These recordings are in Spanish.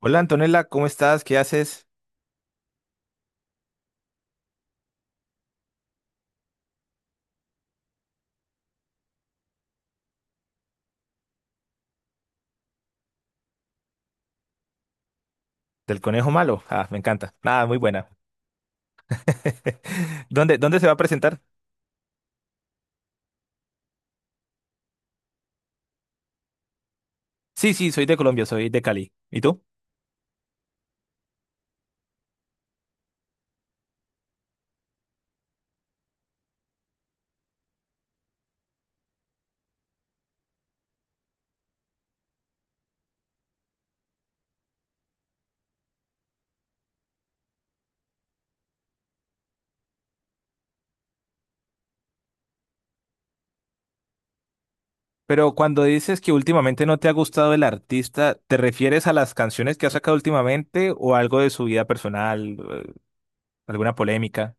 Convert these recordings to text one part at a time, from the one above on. Hola Antonella, ¿cómo estás? ¿Qué haces? Del conejo malo. Ah, me encanta. Nada, muy buena. ¿Dónde se va a presentar? Sí, soy de Colombia, soy de Cali. ¿Y tú? Pero cuando dices que últimamente no te ha gustado el artista, ¿te refieres a las canciones que ha sacado últimamente o algo de su vida personal, alguna polémica?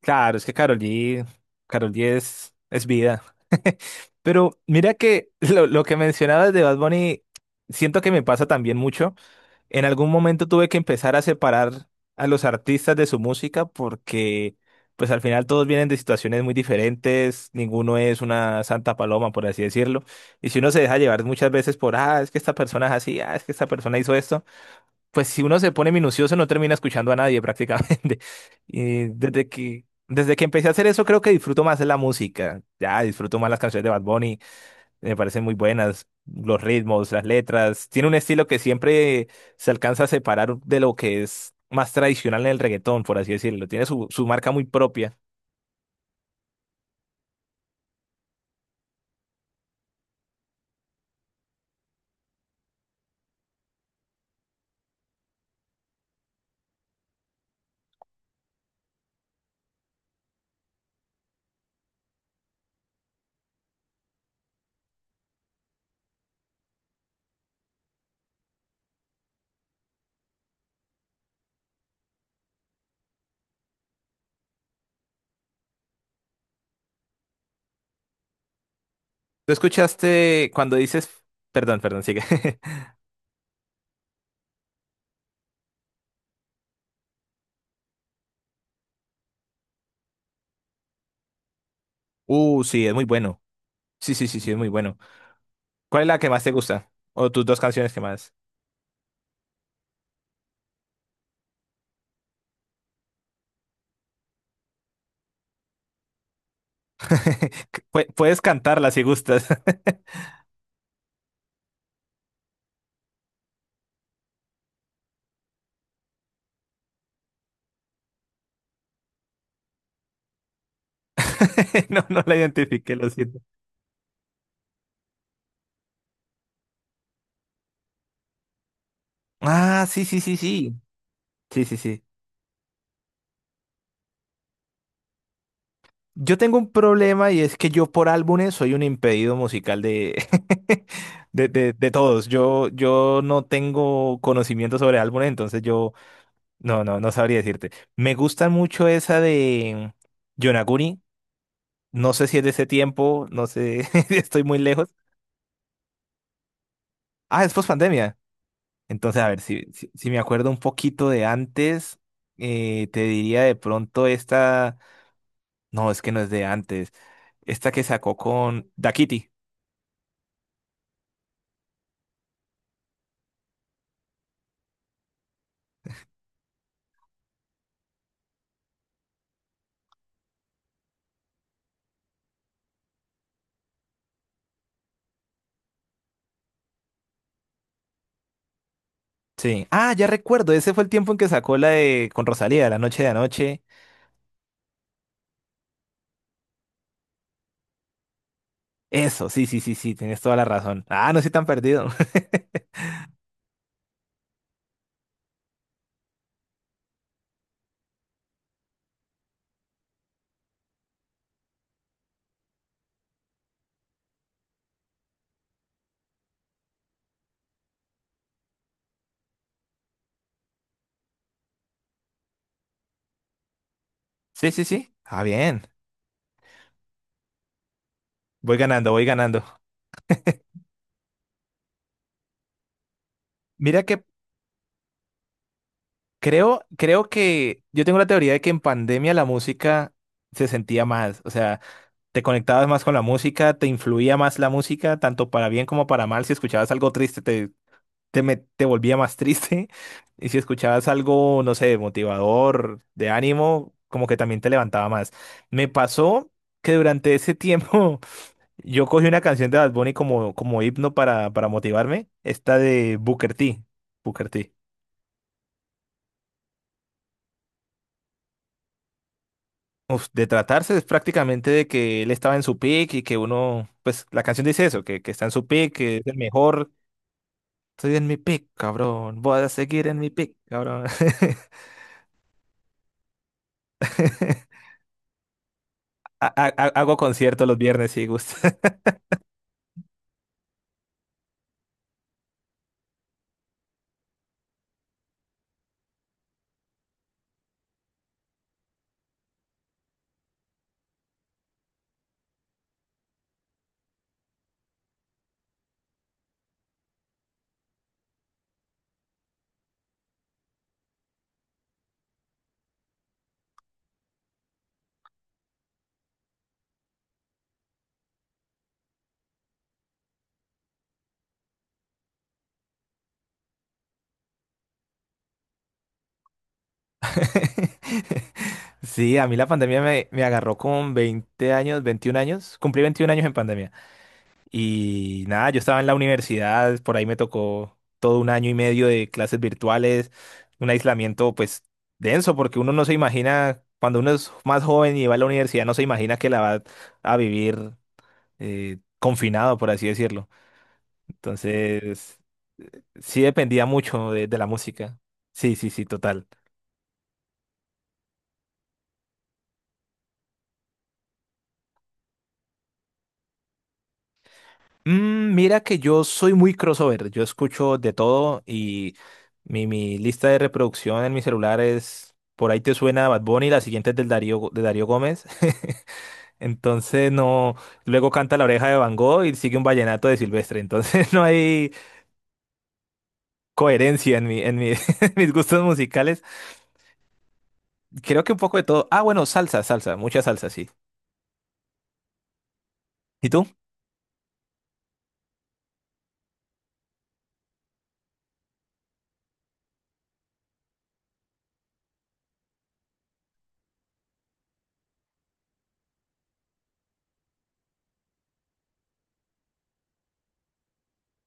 Claro, es que Karol G, Karol G es vida. Pero mira que lo que mencionabas de Bad Bunny, siento que me pasa también mucho. En algún momento tuve que empezar a separar a los artistas de su música porque pues al final todos vienen de situaciones muy diferentes, ninguno es una santa paloma, por así decirlo. Y si uno se deja llevar muchas veces por, ah, es que esta persona es así, ah, es que esta persona hizo esto, pues si uno se pone minucioso no termina escuchando a nadie prácticamente. Y desde que empecé a hacer eso creo que disfruto más la música, ya disfruto más las canciones de Bad Bunny me parecen muy buenas los ritmos, las letras. Tiene un estilo que siempre se alcanza a separar de lo que es más tradicional en el reggaetón, por así decirlo. Tiene su marca muy propia. ¿Tú escuchaste cuando dices... Perdón, perdón, sigue. Sí, es muy bueno. Sí, sí, sí, sí, es muy bueno. ¿Cuál es la que más te gusta? O tus dos canciones que más. Puedes cantarla si gustas. No, no la identifiqué, lo siento. Ah, sí, sí, sí, sí. Sí, sí, sí. Yo tengo un problema y es que yo por álbumes soy un impedido musical de, de, de todos. Yo no tengo conocimiento sobre álbumes, entonces yo no, no sabría decirte. Me gusta mucho esa de Yonaguni. No sé si es de ese tiempo, no sé, estoy muy lejos. Ah, es post-pandemia. Entonces, a ver, si, si me acuerdo un poquito de antes, te diría de pronto esta. No, es que no es de antes. Esta que sacó con Da Kitty. Sí. Ah, ya recuerdo, ese fue el tiempo en que sacó la de con Rosalía, La Noche de Anoche. Eso, sí, sí, sí, sí, tienes toda la razón. Ah, no estoy tan perdido. Sí, sí, sí. Ah, bien. Voy ganando, voy ganando. Mira que creo que yo tengo la teoría de que en pandemia la música se sentía más, o sea, te conectabas más con la música, te influía más la música, tanto para bien como para mal. Si escuchabas algo triste, te volvía más triste. Y si escuchabas algo, no sé, motivador, de ánimo, como que también te levantaba más. Me pasó que durante ese tiempo yo cogí una canción de Bad Bunny como, como himno para motivarme, esta de Booker T. Booker T. Uf, de tratarse es prácticamente de que él estaba en su pick y que uno, pues la canción dice eso, que está en su pick, que es el mejor. Estoy en mi pick, cabrón. Voy a seguir en mi pick, cabrón. Hago conciertos los viernes si gusta. Sí, a mí la pandemia me agarró con 20 años, 21 años. Cumplí 21 años en pandemia. Y nada, yo estaba en la universidad, por ahí me tocó todo un año y medio de clases virtuales, un aislamiento pues denso, porque uno no se imagina, cuando uno es más joven y va a la universidad, no se imagina que la va a vivir confinado, por así decirlo. Entonces, sí dependía mucho de la música. Sí, sí, sí, total. Mm, mira que yo soy muy crossover, yo escucho de todo y mi lista de reproducción en mi celular es, por ahí te suena Bad Bunny, la siguiente es del Darío, de Darío Gómez. Entonces no, luego canta La Oreja de Van Gogh y sigue un vallenato de Silvestre. Entonces no hay coherencia en mi, en mis gustos musicales. Creo que un poco de todo. Ah, bueno, salsa, salsa, mucha salsa, sí. ¿Y tú?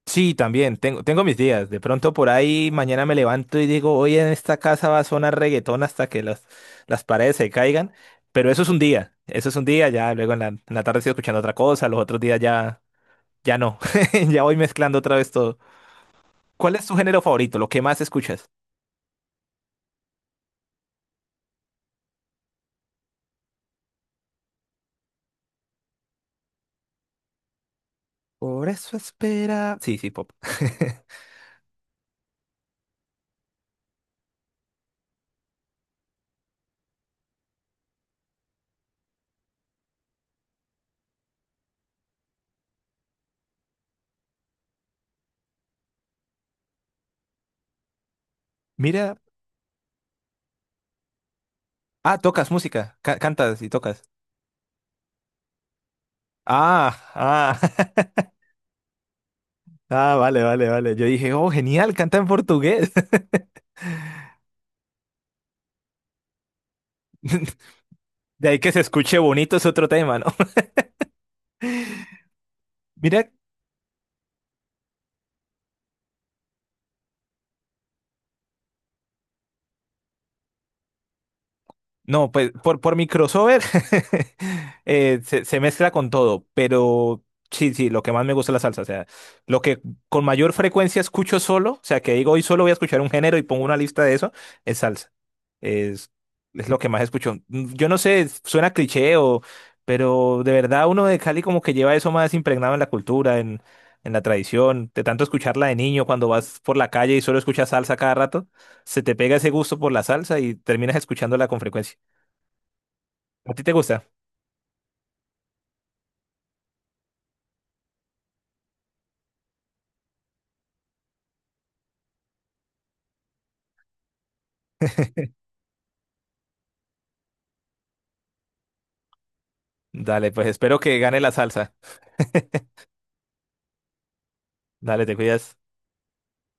Sí, también, tengo mis días. De pronto por ahí mañana me levanto y digo, hoy en esta casa va a sonar reggaetón hasta que las paredes se caigan. Pero eso es un día, eso es un día, ya luego en la tarde estoy escuchando otra cosa, los otros días ya, ya no. Ya voy mezclando otra vez todo. ¿Cuál es tu género favorito? ¿Lo que más escuchas? Por eso espera. Sí, sí, pop. Mira. Ah, tocas música, cantas y tocas. Ah, ah. Ah, vale, vale, vale. Yo dije, oh, genial, canta en portugués. De ahí que se escuche bonito es otro tema, ¿no? Mira, no, pues por mi crossover se mezcla con todo, pero sí, sí, lo que más me gusta es la salsa, o sea, lo que con mayor frecuencia escucho solo, o sea, que digo hoy solo voy a escuchar un género y pongo una lista de eso, es salsa, es, es lo que más escucho. Mm, yo no sé, suena cliché o, pero de verdad uno de Cali como que lleva eso más impregnado en la cultura, en la tradición, de tanto escucharla de niño cuando vas por la calle y solo escuchas salsa cada rato se te pega ese gusto por la salsa y terminas escuchándola con frecuencia. ¿A ti te gusta? Dale, pues espero que gane la salsa. Dale, te cuidas.